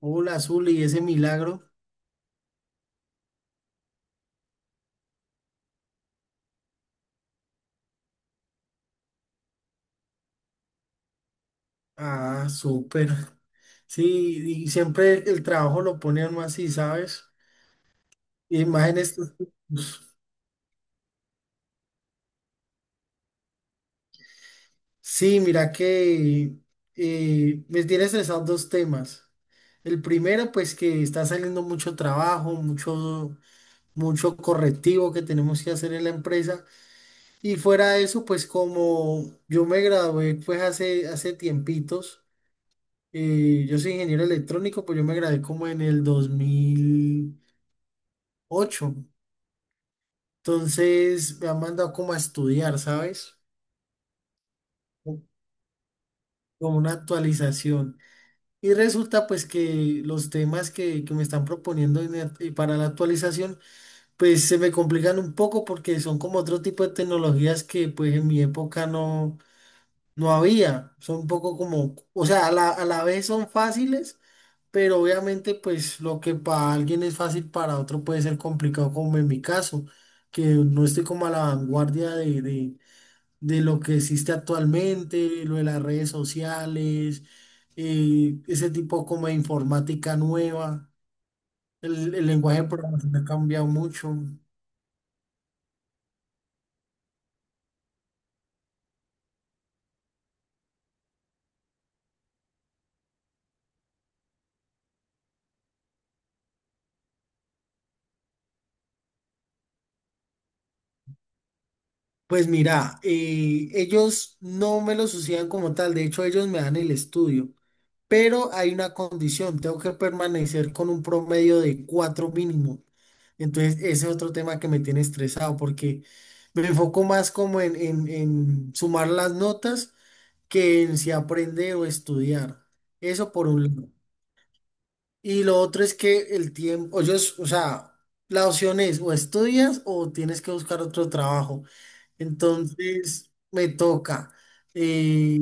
Hola, Azul, y ese milagro. Ah, súper. Sí, y siempre el trabajo lo ponían más así, ¿sabes? Y más. Sí, mira que me tiene estresado dos temas. El primero, pues que está saliendo mucho trabajo, mucho, mucho correctivo que tenemos que hacer en la empresa. Y fuera de eso, pues como yo me gradué pues hace tiempitos, yo soy ingeniero electrónico, pues yo me gradué como en el 2008. Entonces me han mandado como a estudiar, ¿sabes? Co- Como una actualización. Y resulta pues que los temas que me están proponiendo en el- y para la actualización pues se me complican un poco porque son como otro tipo de tecnologías que pues en mi época no había. Son un poco como, o sea, a la vez son fáciles, pero obviamente pues lo que para alguien es fácil para otro puede ser complicado como en mi caso, que no estoy como a la vanguardia de de lo que existe actualmente, lo de las redes sociales, ese tipo como de informática nueva. El lenguaje de programación ha cambiado mucho. Pues mira, ellos no me lo suceden como tal. De hecho, ellos me dan el estudio, pero hay una condición, tengo que permanecer con un promedio de cuatro mínimo. Entonces ese es otro tema que me tiene estresado porque me enfoco más como en sumar las notas que en si aprender o estudiar. Eso por un lado. Y lo otro es que el tiempo, yo, o sea, la opción es o estudias o tienes que buscar otro trabajo. Entonces me toca, eh,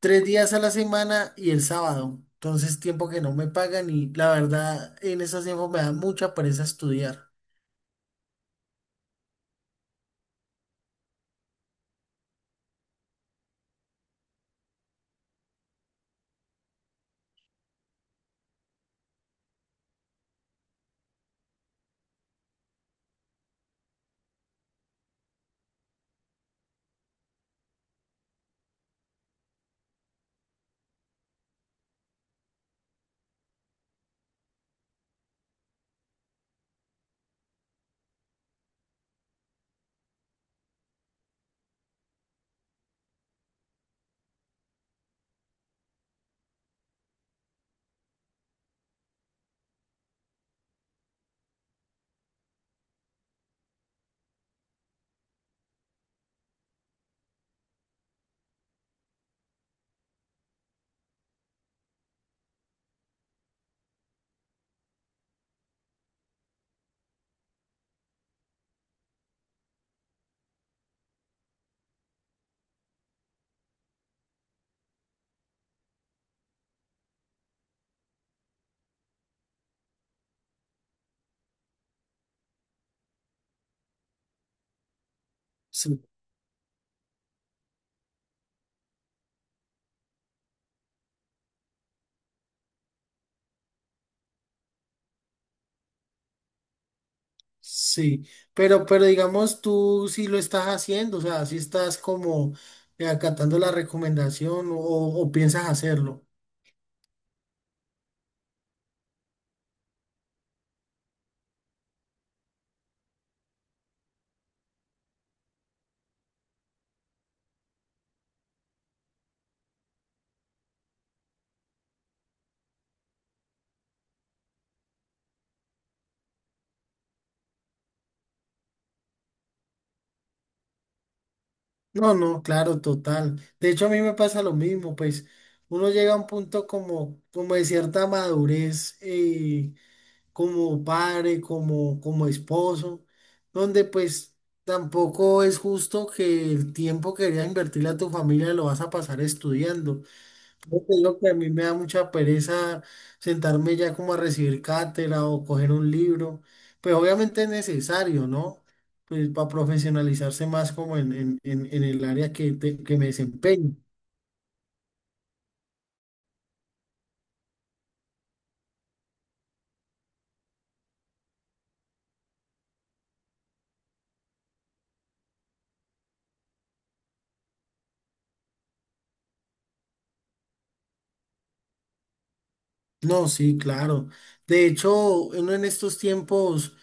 tres días a la semana y el sábado. Entonces tiempo que no me pagan, y la verdad en esos tiempos me da mucha pereza estudiar. Sí, sí, pero digamos tú sí lo estás haciendo, o sea, si estás como acatando la recomendación, o piensas hacerlo. No, no, claro, total. De hecho, a mí me pasa lo mismo. Pues uno llega a un punto como, como de cierta madurez, como padre, como, como esposo, donde pues tampoco es justo que el tiempo que deberías invertirle a tu familia lo vas a pasar estudiando. Creo que es lo que a mí me da mucha pereza, sentarme ya como a recibir cátedra o coger un libro. Pues obviamente es necesario, ¿no? Pues para profesionalizarse más como en, en el área que, que me desempeño. No, sí, claro. De hecho, uno en estos tiempos,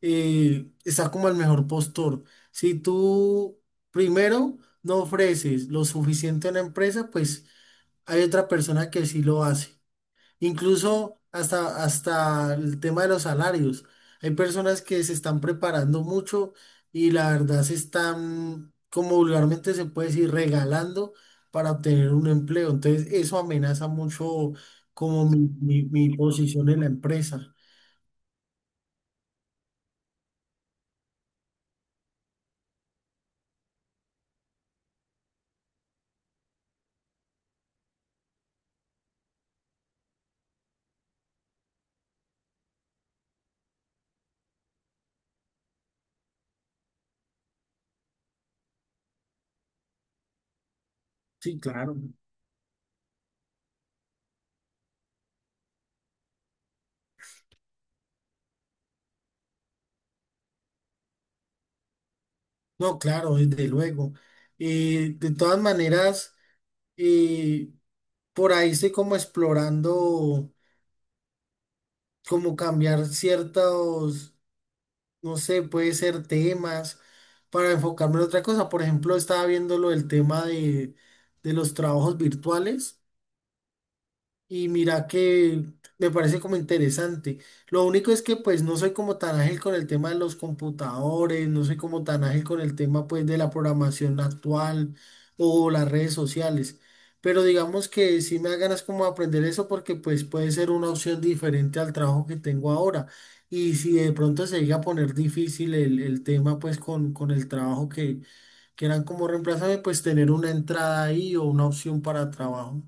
está como el mejor postor. Si tú primero no ofreces lo suficiente a una empresa, pues hay otra persona que sí lo hace. Incluso hasta, hasta el tema de los salarios. Hay personas que se están preparando mucho, y la verdad se están, como vulgarmente se puede decir, regalando para obtener un empleo. Entonces eso amenaza mucho como mi, mi posición en la empresa. Sí, claro. No, claro, desde luego. De todas maneras, eh, por ahí estoy como explorando cómo cambiar ciertos, no sé, puede ser temas, para enfocarme en otra cosa. Por ejemplo, estaba viendo lo del tema de los trabajos virtuales. Y mira que me parece como interesante. Lo único es que pues no soy como tan ágil con el tema de los computadores, no soy como tan ágil con el tema pues de la programación actual o las redes sociales. Pero digamos que sí me da ganas como de aprender eso, porque pues puede ser una opción diferente al trabajo que tengo ahora. Y si de pronto se llega a poner difícil el tema, pues con el trabajo, que quieran como reemplazarme, pues tener una entrada ahí o una opción para trabajo.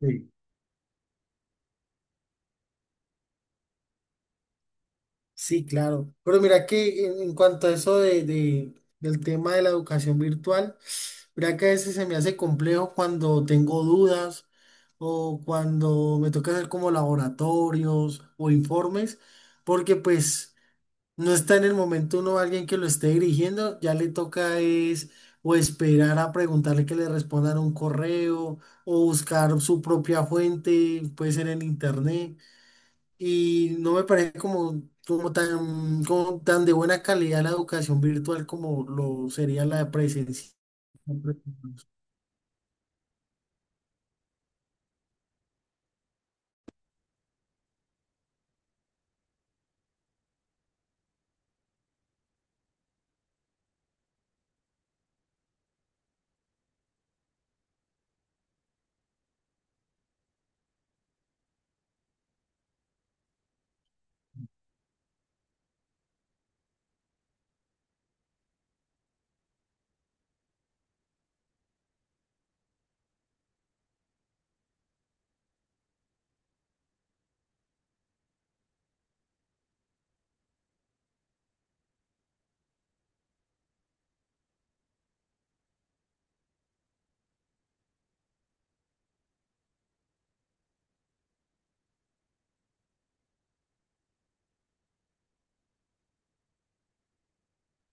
Sí. Sí, claro. Pero mira que en cuanto a eso del tema de la educación virtual, mira que a veces se me hace complejo cuando tengo dudas o cuando me toca hacer como laboratorios o informes, porque pues no está en el momento uno alguien que lo esté dirigiendo, ya le toca es o esperar a preguntarle que le respondan un correo o buscar su propia fuente, puede ser en internet. Y no me parece como, como tan de buena calidad la educación virtual como lo sería la presencial.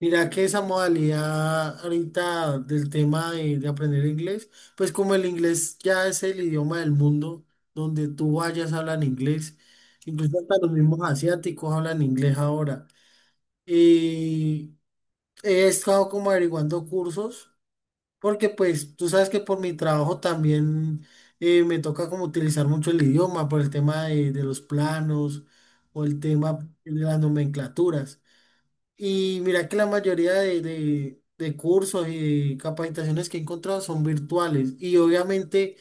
Mira que esa modalidad ahorita del tema de aprender inglés, pues como el inglés ya es el idioma del mundo, donde tú vayas hablan inglés, incluso hasta los mismos asiáticos hablan inglés ahora. Y he estado como averiguando cursos. Porque pues tú sabes que por mi trabajo también, me toca como utilizar mucho el idioma por el tema de los planos o el tema de las nomenclaturas. Y mira que la mayoría de, de cursos y de capacitaciones que he encontrado son virtuales y obviamente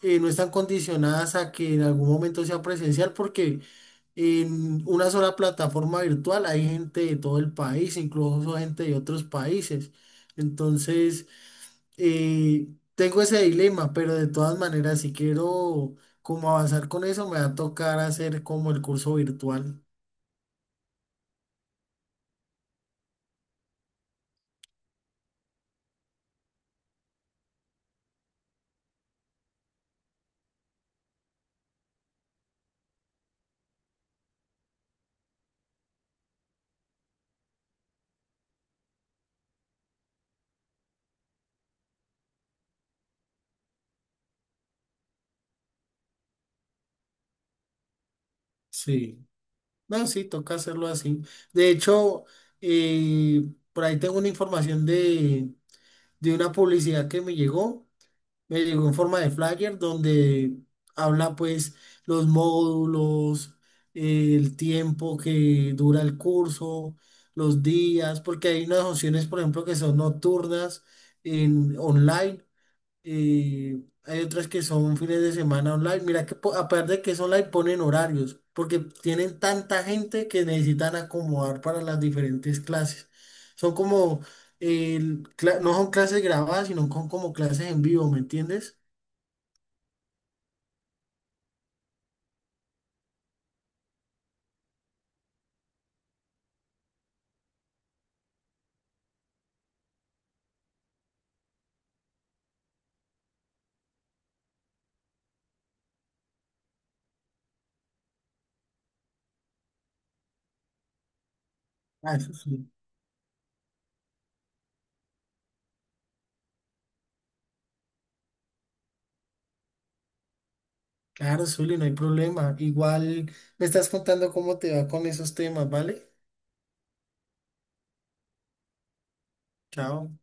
no están condicionadas a que en algún momento sea presencial, porque en una sola plataforma virtual hay gente de todo el país, incluso gente de otros países. Entonces... Y tengo ese dilema, pero de todas maneras, si quiero como avanzar con eso, me va a tocar hacer como el curso virtual. Sí, no, sí, toca hacerlo así. De hecho, eh, por ahí tengo una información de una publicidad que me llegó. Me llegó en forma de flyer donde habla pues los módulos, el tiempo que dura el curso, los días, porque hay unas opciones, por ejemplo, que son nocturnas en online, y hay otras que son fines de semana online. Mira que aparte de que es online ponen horarios, porque tienen tanta gente que necesitan acomodar para las diferentes clases. Son como, eh, no son clases grabadas, sino son como clases en vivo, ¿me entiendes? Ah, eso sí. Claro, Zuli, no hay problema. Igual me estás contando cómo te va con esos temas, ¿vale? Chao.